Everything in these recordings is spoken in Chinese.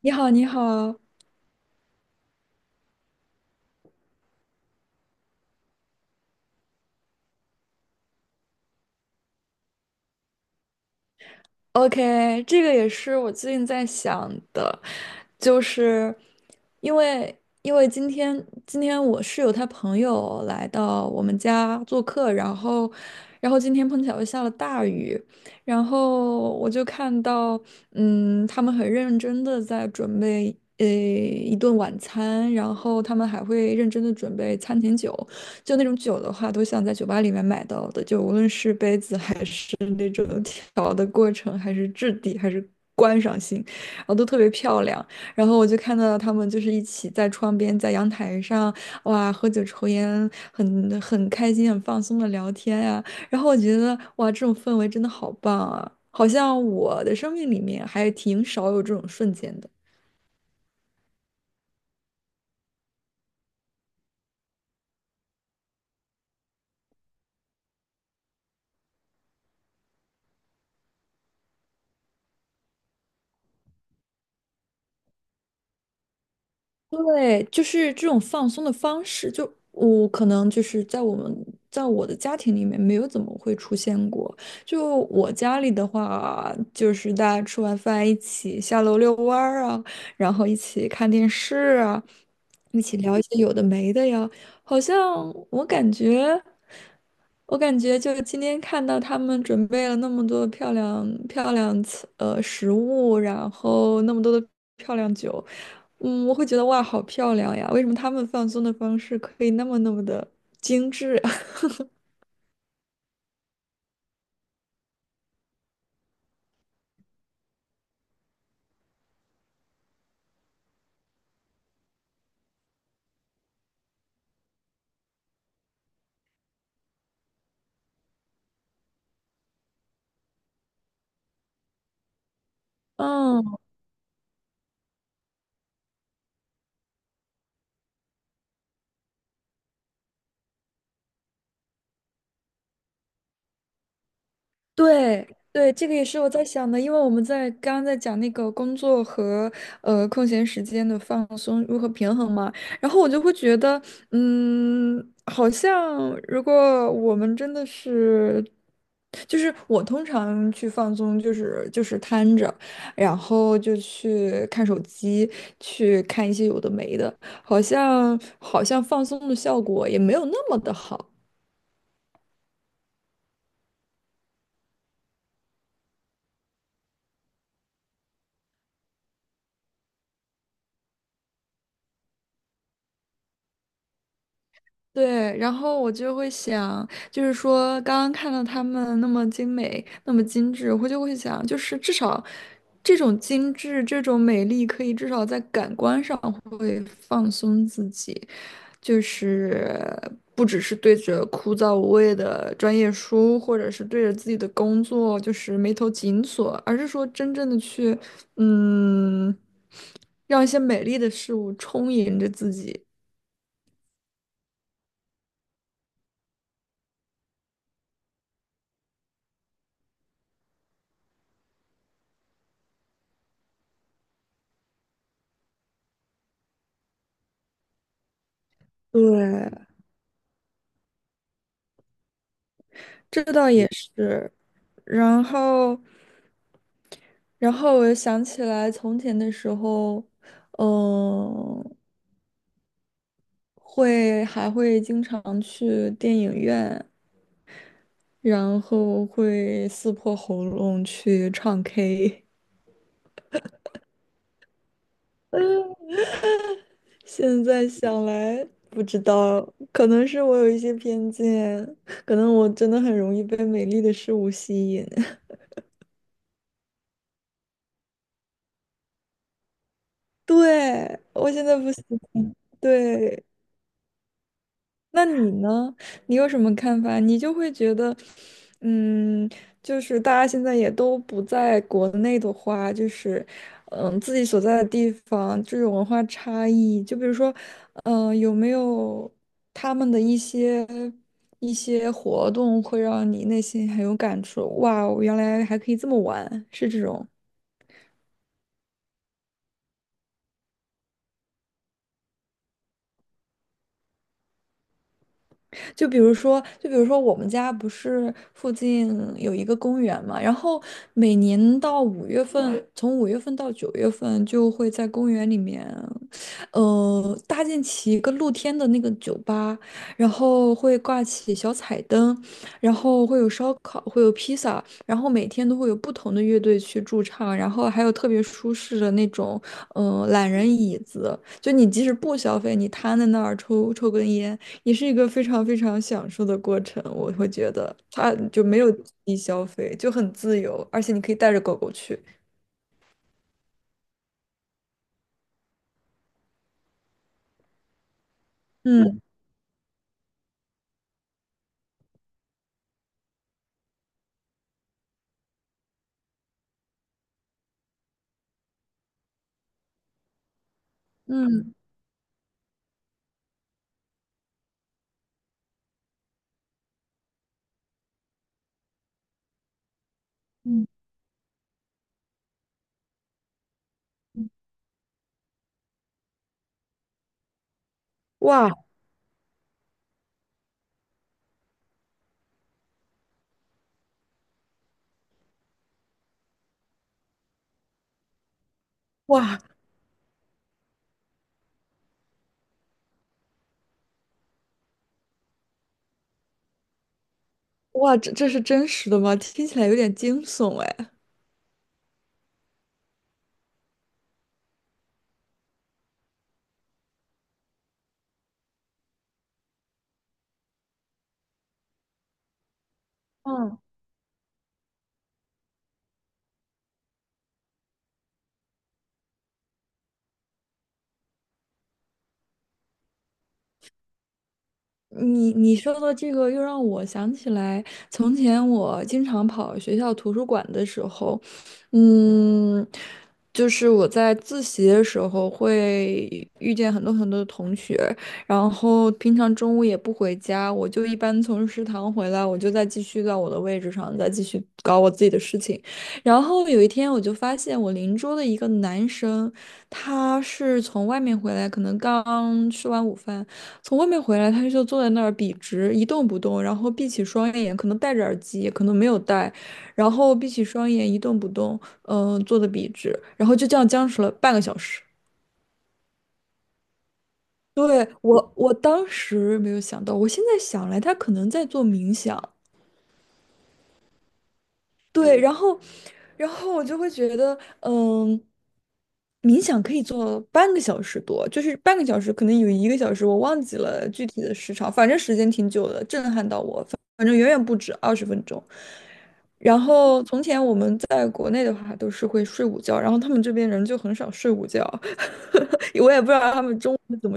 你好，你好。OK，这个也是我最近在想的，就是因为因为今天我室友他朋友来到我们家做客，然后今天碰巧又下了大雨，然后我就看到他们很认真的在准备一顿晚餐，然后他们还会认真的准备餐前酒。就那种酒的话，都像在酒吧里面买到的，就无论是杯子还是那种调的过程，还是质地，还是观赏性，然后都特别漂亮。然后我就看到他们就是一起在窗边，在阳台上，哇，喝酒抽烟，很开心，很放松的聊天呀、然后我觉得，哇，这种氛围真的好棒啊！好像我的生命里面还挺少有这种瞬间的。对，就是这种放松的方式，就我可能就是在我的家庭里面没有怎么会出现过。就我家里的话，就是大家吃完饭一起下楼遛弯儿啊，然后一起看电视啊，一起聊一些有的没的呀。好像我感觉。我感觉就今天看到他们准备了那么多漂亮食物，然后那么多的漂亮酒，我会觉得哇，好漂亮呀！为什么他们放松的方式可以那么那么的精致啊 嗯，对对，这个也是我在想的，因为我们在刚刚在讲那个工作和空闲时间的放松如何平衡嘛，然后我就会觉得，好像如果我们真的是。就是我通常去放松，就是瘫着，然后就去看手机，去看一些有的没的，好像放松的效果也没有那么的好。对，然后我就会想，就是说刚刚看到他们那么精美，那么精致，我就会想，就是至少这种精致、这种美丽，可以至少在感官上会放松自己。就是不只是对着枯燥无味的专业书，或者是对着自己的工作就是眉头紧锁，而是说真正的去，嗯，让一些美丽的事物充盈着自己。对，这倒也是。然后，然后我又想起来从前的时候，嗯，还会经常去电影院。然后会撕破喉咙去唱 K。现在想来，不知道，可能是我有一些偏见，可能我真的很容易被美丽的事物吸引。对，我现在不行，对，那你呢？你有什么看法？你就会觉得，嗯，就是大家现在也都不在国内的话，就是，自己所在的地方这种文化差异，就比如说，有没有他们的一些活动会让你内心很有感触？哇，我原来还可以这么玩，是这种。就比如说我们家不是附近有一个公园嘛，然后每年到五月份，从五月份到9月份就会在公园里面，搭建起一个露天的那个酒吧，然后会挂起小彩灯，然后会有烧烤，会有披萨，然后每天都会有不同的乐队去驻唱，然后还有特别舒适的那种，懒人椅子，就你即使不消费，你瘫在那儿抽抽根烟。也是一个非常非常享受的过程。我会觉得它就没有低消费，就很自由，而且你可以带着狗狗去。嗯嗯嗯，哇哇哇，这是真实的吗？听起来有点惊悚哎。嗯。你说的这个又让我想起来，从前我经常跑学校图书馆的时候，嗯，就是我在自习的时候会遇见很多很多的同学，然后平常中午也不回家，我就一般从食堂回来，我就再继续到我的位置上，再继续搞我自己的事情。然后有一天，我就发现我邻桌的一个男生，他是从外面回来，可能刚吃完午饭。从外面回来，他就坐在那儿笔直一动不动，然后闭起双眼，可能戴着耳机，可能没有戴，然后闭起双眼一动不动，坐的笔直，然后就这样僵持了半个小时。对，我当时没有想到，我现在想来，他可能在做冥想。对，然后我就会觉得。冥想可以做半个小时多，就是半个小时，可能有1个小时，我忘记了具体的时长，反正时间挺久的，震撼到我，反正远远不止20分钟。然后从前我们在国内的话都是会睡午觉，然后他们这边人就很少睡午觉，我也不知道他们中午，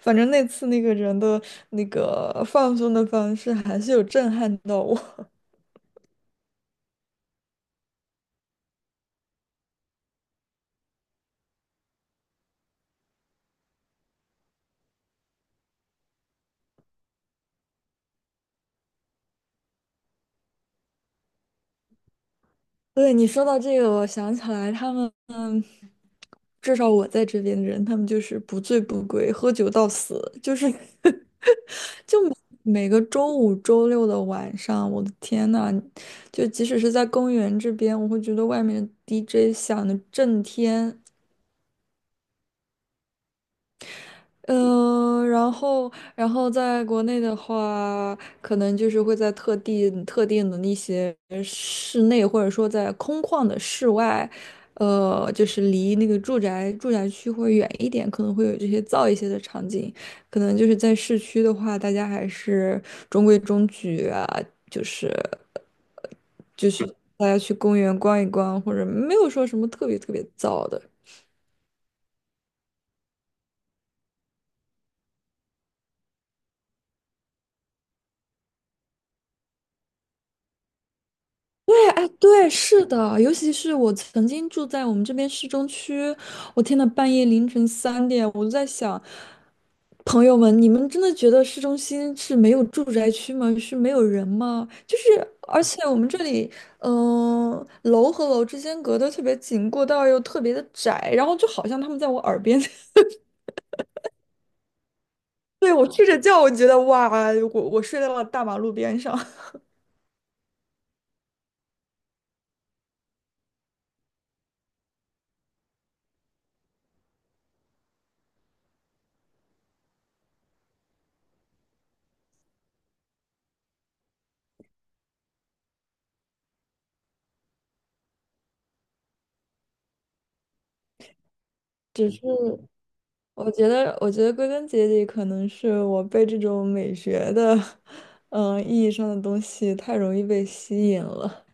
反正那次那个人的那个放松的方式还是有震撼到我。对，你说到这个，我想起来他们至少我在这边的人，他们就是不醉不归，喝酒到死，就是 每个周五、周六的晚上，我的天呐，就即使是在公园这边，我会觉得外面的 DJ 响的震天，嗯，然后，然后在国内的话，可能就是会在特定的那些室内，或者说在空旷的室外，就是离那个住宅区会远一点，可能会有这些噪一些的场景。可能就是在市区的话，大家还是中规中矩啊，就是就是大家去公园逛一逛，或者没有说什么特别特别噪的。对，哎，对，是的，尤其是我曾经住在我们这边市中区，我天呐，半夜凌晨3点，我就在想，朋友们，你们真的觉得市中心是没有住宅区吗？是没有人吗？就是，而且我们这里，楼和楼之间隔得特别紧，过道又特别的窄，然后就好像他们在我耳边，对，我睡着觉，我觉得哇，我睡在了大马路边上，只是。我觉得归根结底，可能是我被这种美学的，意义上的东西太容易被吸引了。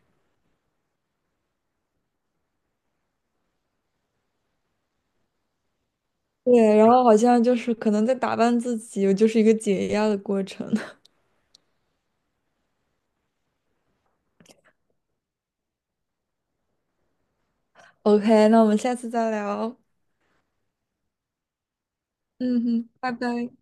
对，然后好像就是可能在打扮自己，就是一个解压的过程。OK，那我们下次再聊。嗯哼，拜拜。